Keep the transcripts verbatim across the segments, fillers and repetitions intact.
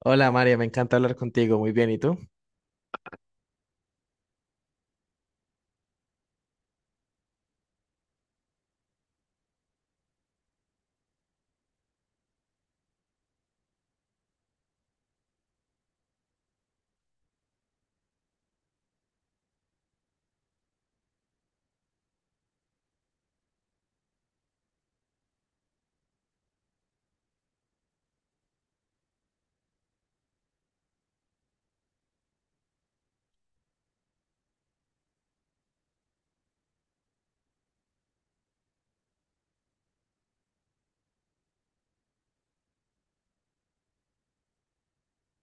Hola María, me encanta hablar contigo. Muy bien, ¿y tú?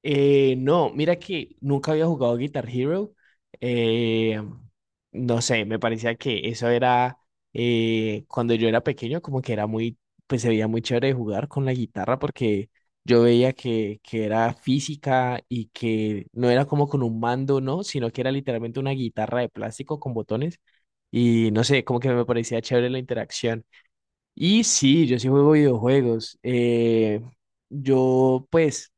Eh, no, mira que nunca había jugado Guitar Hero. eh, no sé, me parecía que eso era eh, cuando yo era pequeño, como que era muy, pues se veía muy chévere jugar con la guitarra porque yo veía que, que era física y que no era como con un mando, ¿no? Sino que era literalmente una guitarra de plástico con botones y no sé, como que me parecía chévere la interacción. Y sí, yo sí juego videojuegos. eh, yo, pues,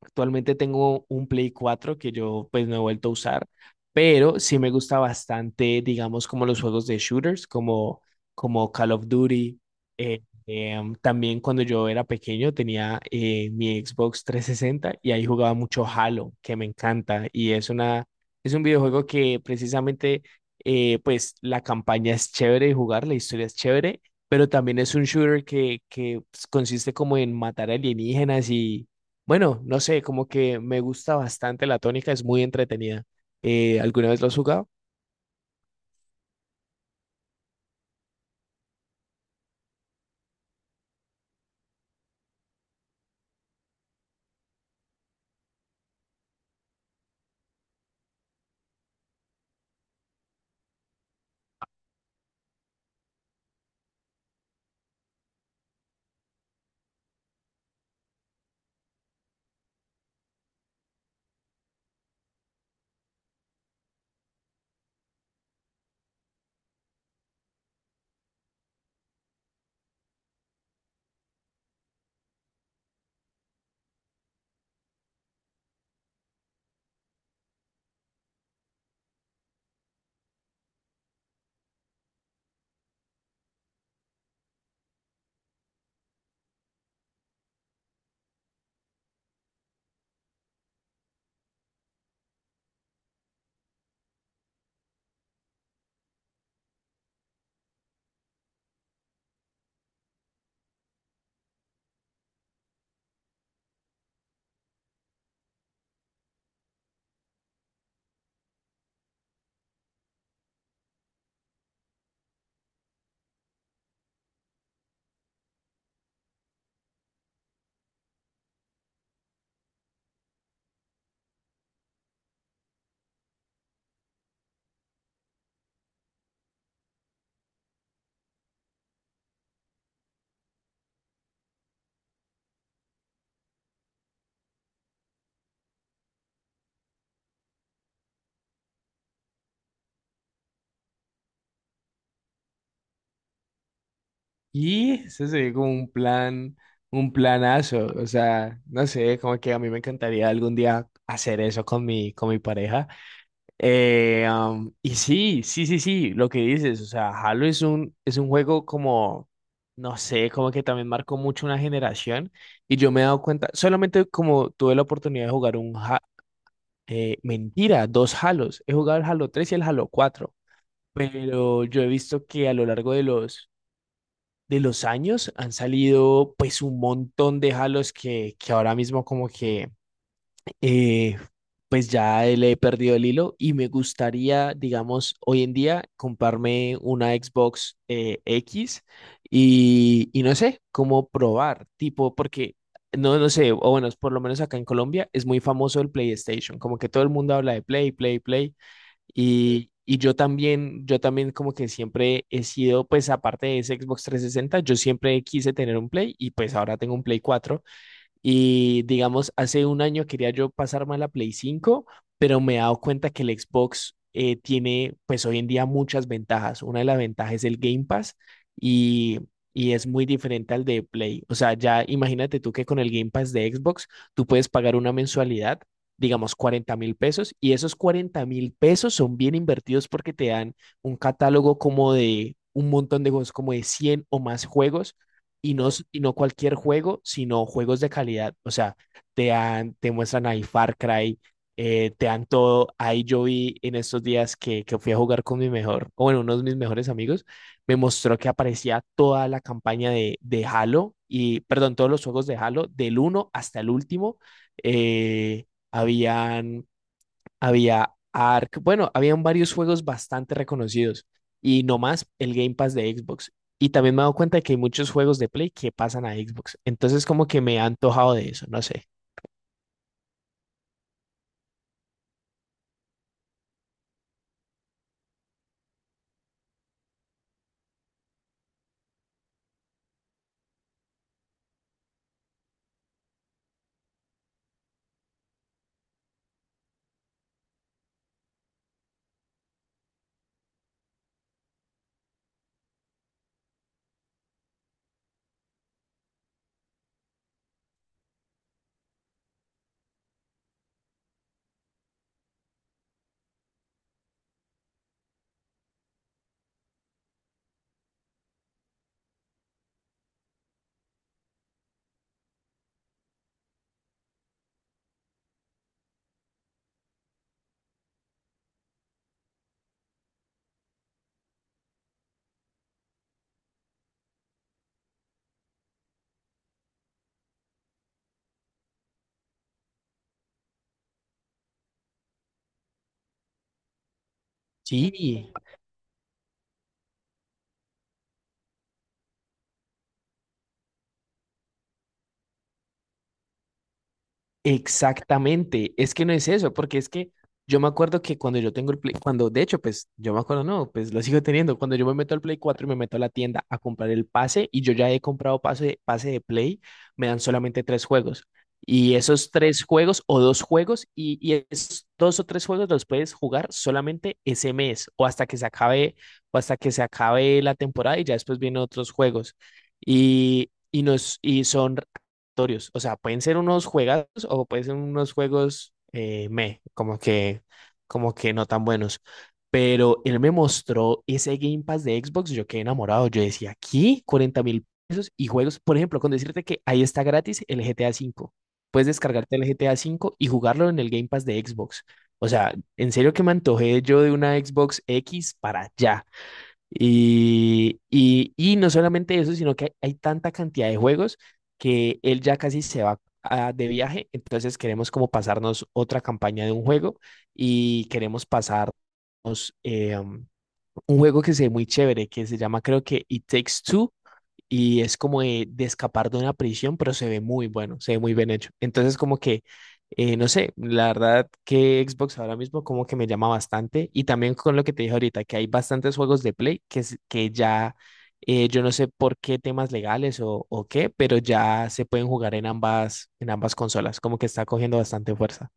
Actualmente tengo un Play cuatro que yo pues no he vuelto a usar, pero sí me gusta bastante, digamos, como los juegos de shooters, como, como Call of Duty. Eh, em, También cuando yo era pequeño tenía eh, mi Xbox trescientos sesenta y ahí jugaba mucho Halo, que me encanta. Y es una, es un videojuego que precisamente, eh, pues la campaña es chévere de jugar, la historia es chévere, pero también es un shooter que, que pues, consiste como en matar alienígenas y bueno, no sé, como que me gusta bastante la tónica, es muy entretenida. Eh, ¿alguna vez lo has jugado? Y eso sería como un plan, un planazo. O sea, no sé, como que a mí me encantaría algún día hacer eso con mi, con mi pareja. Eh, am, y sí, sí, sí, sí, lo que dices, o sea, Halo es un, es un juego como, no sé, como que también marcó mucho una generación. Y yo me he dado cuenta, solamente como tuve la oportunidad de jugar un, Ha- Eh, mentira, dos Halos. He jugado el Halo tres y el Halo cuatro, pero yo he visto que a lo largo de los, de los años han salido pues un montón de Halos que, que ahora mismo como que eh, pues ya le he perdido el hilo y me gustaría, digamos, hoy en día comprarme una Xbox eh, X y, y no sé cómo probar, tipo, porque no, no sé, o bueno, por lo menos acá en Colombia es muy famoso el PlayStation, como que todo el mundo habla de Play, Play, Play. Y, y yo también, yo también como que siempre he sido, pues aparte de ese Xbox trescientos sesenta, yo siempre quise tener un Play y pues ahora tengo un Play cuatro y digamos, hace un año quería yo pasarme a la Play cinco, pero me he dado cuenta que el Xbox eh, tiene, pues hoy en día, muchas ventajas. Una de las ventajas es el Game Pass y, y es muy diferente al de Play. O sea, ya imagínate tú que con el Game Pass de Xbox tú puedes pagar una mensualidad, digamos, cuarenta mil pesos, y esos cuarenta mil pesos son bien invertidos porque te dan un catálogo como de un montón de juegos, como de cien o más juegos y no, s- y no cualquier juego, sino juegos de calidad. O sea, te, dan, te muestran ahí Far Cry, eh, te dan todo. Ahí yo vi en estos días que, que fui a jugar con mi mejor, o bueno, uno de mis mejores amigos, me mostró que aparecía toda la campaña de, de Halo, y perdón, todos los juegos de Halo, del uno hasta el último. Eh, habían Había Ark, bueno, habían varios juegos bastante reconocidos y no más el Game Pass de Xbox. Y también me he dado cuenta de que hay muchos juegos de Play que pasan a Xbox. Entonces como que me ha antojado de eso, no sé. Sí, exactamente, es que no es eso, porque es que yo me acuerdo que cuando yo tengo el Play, cuando de hecho, pues yo me acuerdo, no, pues lo sigo teniendo, cuando yo me meto al Play cuatro y me meto a la tienda a comprar el pase y yo ya he comprado pase, pase de Play, me dan solamente tres juegos. Y esos tres juegos o dos juegos y, y esos dos o tres juegos los puedes jugar solamente ese mes o hasta que se acabe o hasta que se acabe la temporada y ya después vienen otros juegos. Y, y, nos, y son aleatorios. O sea, pueden ser unos juegazos o pueden ser unos juegos eh, meh, como que, como que no tan buenos. Pero él me mostró ese Game Pass de Xbox, yo quedé enamorado. Yo decía, aquí cuarenta mil pesos y juegos. Por ejemplo, con decirte que ahí está gratis el G T A cinco. Puedes descargarte el G T A cinco y jugarlo en el Game Pass de Xbox. O sea, en serio que me antojé yo de una Xbox X para allá. Y, y, y no solamente eso, sino que hay, hay tanta cantidad de juegos que él ya casi se va a- de viaje, entonces queremos como pasarnos otra campaña de un juego y queremos pasarnos eh, um, un juego que se ve muy chévere, que se llama creo que It Takes Two, y es como de, de escapar de una prisión, pero se ve muy bueno, se ve muy bien hecho. Entonces, como que, eh, no sé, la verdad que Xbox ahora mismo como que me llama bastante y también con lo que te dije ahorita, que hay bastantes juegos de Play que, es- que ya, eh, yo no sé por qué temas legales o, o qué, pero ya se pueden jugar en ambas, en ambas consolas, como que está cogiendo bastante fuerza.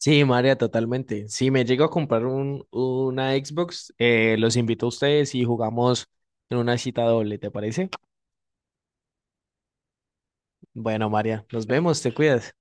Sí, María, totalmente. Si me llego a comprar un, una Xbox, eh, los invito a ustedes y jugamos en una cita doble, ¿te parece? Bueno, María, nos vemos, te cuidas.